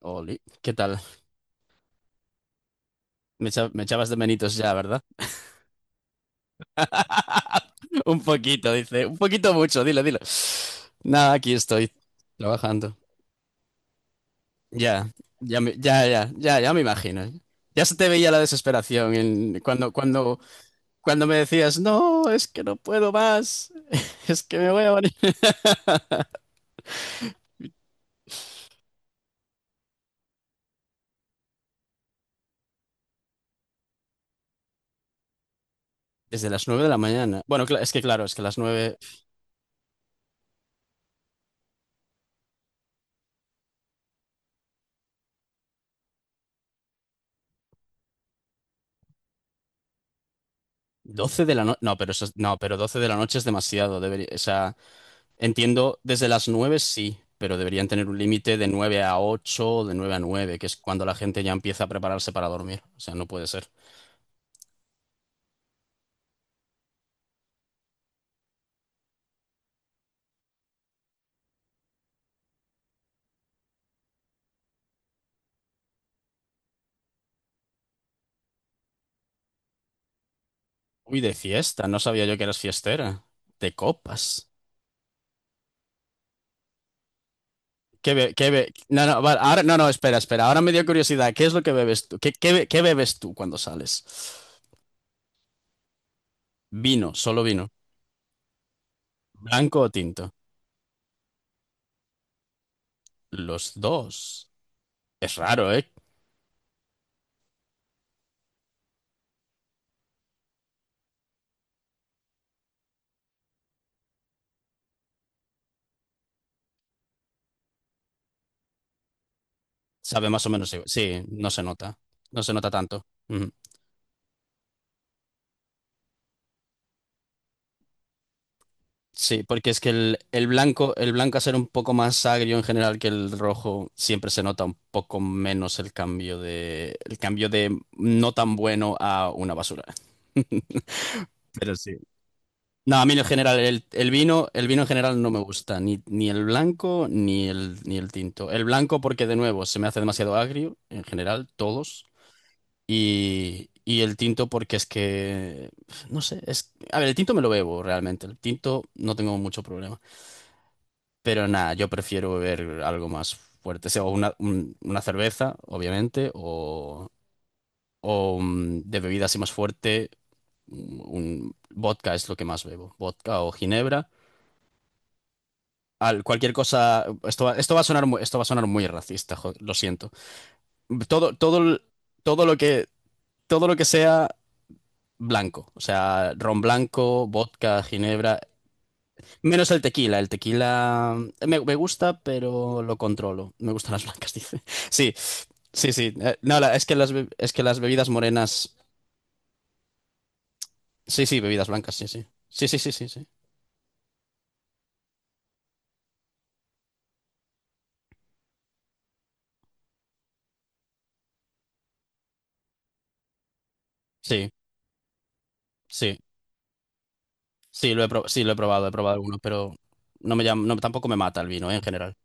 Oli, ¿qué tal? Me echabas de menitos ya, ¿verdad? Un poquito, dice. Un poquito mucho, dilo, dilo. Nada, aquí estoy, trabajando. Ya, ya, me imagino. Ya se te veía la desesperación cuando me decías, no, es que no puedo más, es que me voy a morir. Desde las 9 de la mañana. Bueno, es que claro, es que las 9, 12 de la noche. No, pero eso, no, pero 12 de la noche es demasiado. Debería. Entiendo, desde las 9 sí, pero deberían tener un límite de 9 a 8, de 9 a 9, que es cuando la gente ya empieza a prepararse para dormir. O sea, no puede ser. Uy, de fiesta, no sabía yo que eras fiestera. De copas. No, no, vale, ahora, no, no, espera, espera. Ahora me dio curiosidad. ¿Qué es lo que bebes tú? ¿Qué bebes tú cuando sales? Vino, solo vino. ¿Blanco o tinto? Los dos. Es raro, ¿eh? Sabe más o menos igual. Sí, no se nota. No se nota tanto. Sí, porque es que el blanco, el blanco, a ser un poco más agrio en general que el rojo, siempre se nota un poco menos el cambio de no tan bueno a una basura. Pero sí. No, a mí en general, el vino en general no me gusta, ni el blanco ni el tinto. El blanco porque de nuevo se me hace demasiado agrio, en general, todos. Y el tinto porque es que, no sé, es, a ver, el tinto me lo bebo realmente, el tinto no tengo mucho problema. Pero nada, yo prefiero beber algo más fuerte, sea una cerveza, obviamente, o de bebida así más fuerte, un vodka es lo que más bebo, vodka o ginebra. Cualquier cosa, esto va a sonar muy, esto va a sonar muy racista, lo siento. Todo, todo, el- todo lo que, todo lo que sea blanco, o sea, ron blanco, vodka, ginebra, menos el tequila. El tequila me gusta, pero lo controlo. Me gustan las blancas, dice. Sí, sí, sí. No, es que es que las bebidas morenas. Sí, sí, bebidas blancas, sí, sí. Sí, sí, sí, sí, sí. Sí, sí. Sí, lo he probado, he probado alguno, pero no me llama, no, tampoco me mata el vino, en general.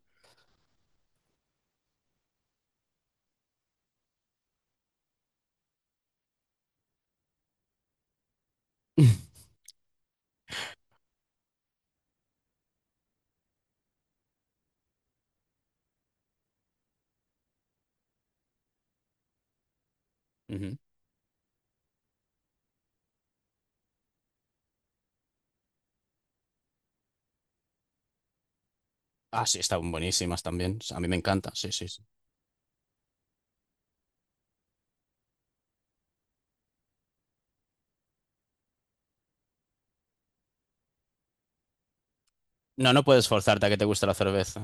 Ujú. Ah, sí, están buenísimas también. A mí me encanta, sí, sí, sí. No, no puedes forzarte a que te guste la cerveza.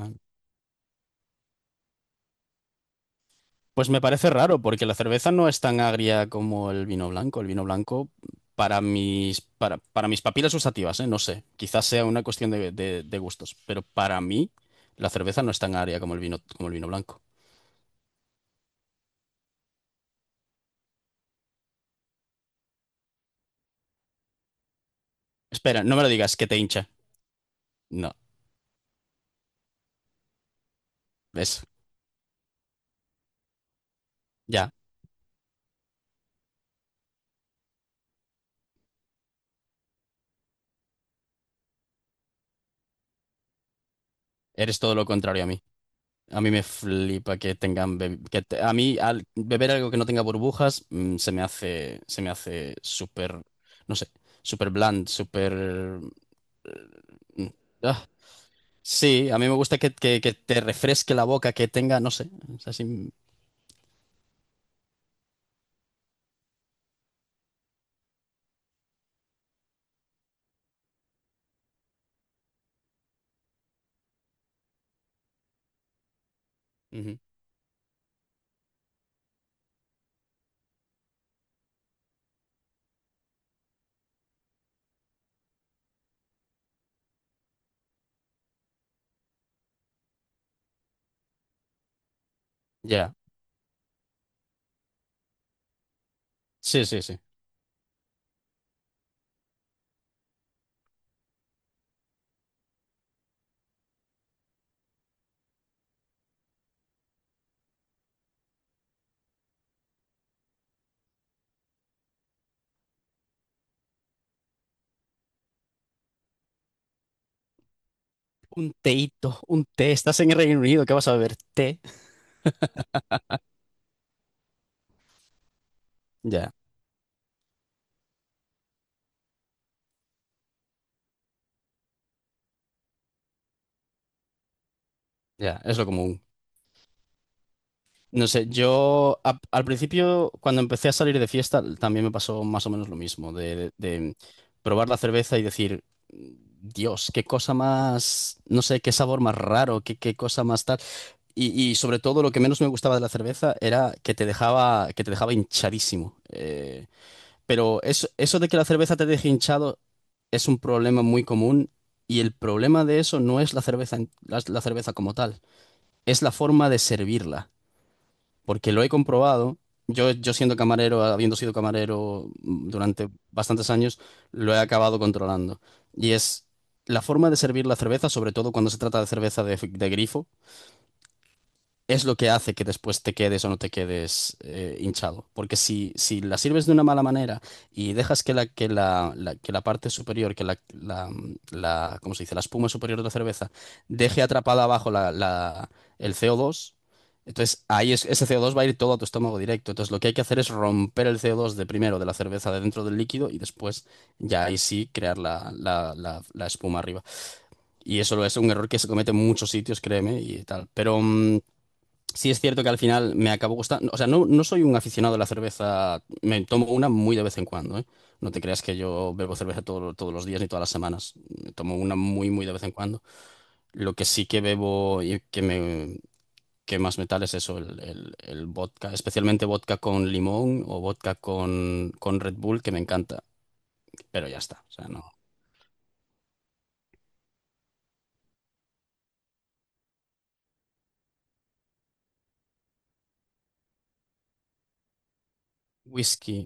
Pues me parece raro, porque la cerveza no es tan agria como el vino blanco. El vino blanco, para mis papilas gustativas, ¿eh? No sé, quizás sea una cuestión de gustos, pero para mí la cerveza no es tan agria como el vino, blanco. Espera, no me lo digas, que te hincha. No, ves, ya, eres todo lo contrario a mí. A mí me flipa que tengan. A mí, al beber algo que no tenga burbujas, se me hace súper, no sé, súper bland, súper. eh, ah, Sí, a mí me gusta que te refresque la boca, que tenga, no sé, es así. Ujú. Ya. Sí, sí, sí. Un teíto, un té. Estás en el Reino Unido, ¿qué vas a beber? Té. Ya, ya, es lo común. No sé, al principio, cuando empecé a salir de fiesta, también me pasó más o menos lo mismo, de probar la cerveza y decir, Dios, qué cosa más, no sé, qué sabor más raro, qué cosa más tal. Y sobre todo lo que menos me gustaba de la cerveza era que te dejaba, hinchadísimo. Pero eso de que la cerveza te deje hinchado es un problema muy común, y el problema de eso no es la cerveza, la cerveza como tal, es la forma de servirla porque lo he comprobado. Yo siendo camarero, habiendo sido camarero durante bastantes años, lo he acabado controlando. Y es la forma de servir la cerveza, sobre todo cuando se trata de cerveza de grifo, es lo que hace que después te quedes o no te quedes hinchado. Porque si la sirves de una mala manera y dejas que la parte superior, que la- ¿cómo se dice? La espuma superior de la cerveza deje atrapada abajo el CO2, entonces ahí ese CO2 va a ir todo a tu estómago directo. Entonces lo que hay que hacer es romper el CO2 de primero de la cerveza de dentro del líquido, y después ya ahí sí crear la espuma arriba. Y eso es un error que se comete en muchos sitios, créeme, y tal. Pero sí, es cierto que al final me acabo gustando. O sea, no, no soy un aficionado a la cerveza. Me tomo una muy de vez en cuando, ¿eh? No te creas que yo bebo cerveza todos los días ni todas las semanas. Me tomo una muy, muy de vez en cuando. Lo que sí que bebo y que más me tal es eso, el vodka, especialmente vodka con limón o vodka con Red Bull, que me encanta. Pero ya está. O sea, no. Whisky.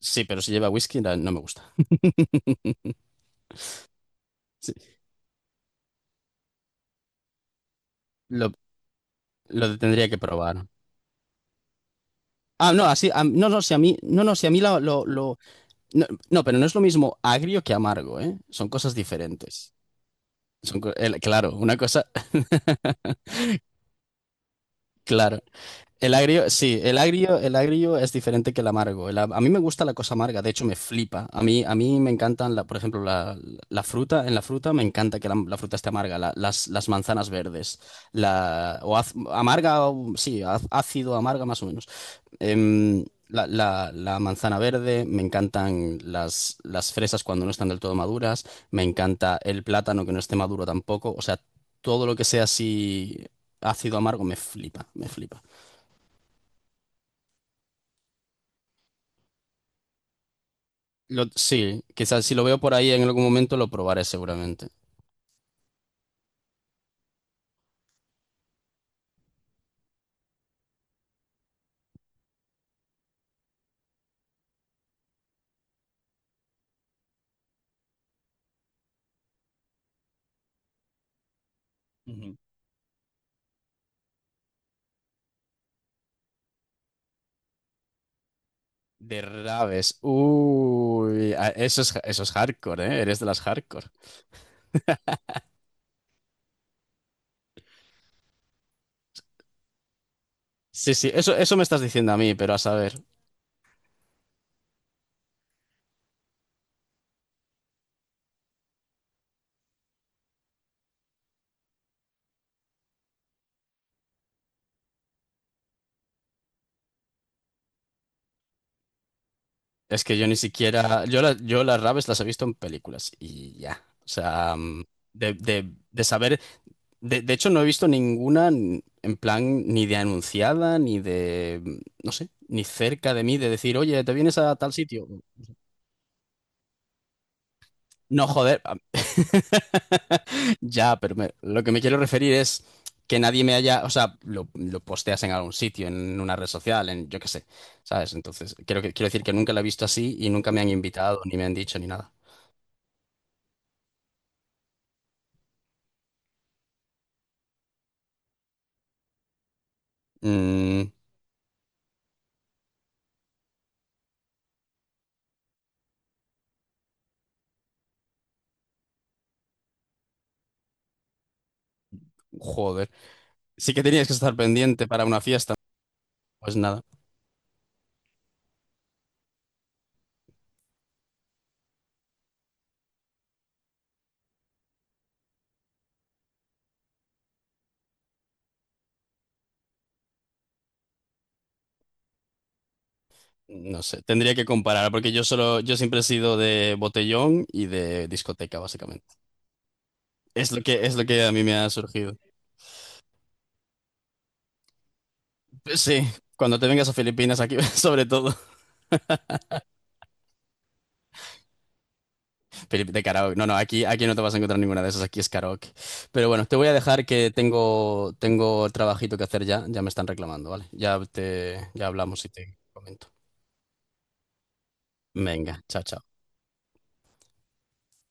Sí, pero si lleva whisky, no me gusta. Sí, lo, lo tendría que probar. Ah, no, así, no, no, si a mí no, no, pero no es lo mismo agrio que amargo, ¿eh? Son cosas diferentes. Son, claro, una cosa, claro. El agrio, sí, el agrio es diferente que el amargo. El a mí me gusta la cosa amarga, de hecho me flipa. A mí me encantan, por ejemplo, la fruta, en la fruta me encanta que la fruta esté amarga, las manzanas verdes, amarga, sí, ácido, amarga más o menos. La manzana verde, me encantan las fresas cuando no están del todo maduras, me encanta el plátano que no esté maduro tampoco, o sea, todo lo que sea así ácido amargo me flipa, me flipa. Sí, quizás si lo veo por ahí en algún momento lo probaré seguramente. Ujú. De rabes, uy, eso es hardcore, ¿eh? Eres de las hardcore. Sí, sí, eso me estás diciendo a mí, pero a saber. Es que yo ni siquiera. Yo las raves las he visto en películas y ya. O sea, de saber. De hecho, no he visto ninguna en plan ni de anunciada, ni de. No sé, ni cerca de mí de decir, oye, ¿te vienes a tal sitio? No, joder. Ya, pero lo que me quiero referir es que nadie me haya. O sea, lo posteas en algún sitio, en una red social, en yo qué sé, ¿sabes? Entonces, creo que, quiero decir que nunca la he visto así y nunca me han invitado, ni me han dicho, ni nada. Mm, joder. Sí que tenías que estar pendiente para una fiesta. Pues nada, no sé. Tendría que comparar porque yo solo, yo siempre he sido de botellón y de discoteca, básicamente. Es lo que a mí me ha surgido. Pues sí, cuando te vengas a Filipinas, aquí sobre todo. De karaoke. No, no, aquí, no te vas a encontrar ninguna de esas, aquí es karaoke. Pero bueno, te voy a dejar que tengo trabajito que hacer ya, ya me están reclamando, ¿vale? Ya hablamos y te comento. Venga, chao, chao.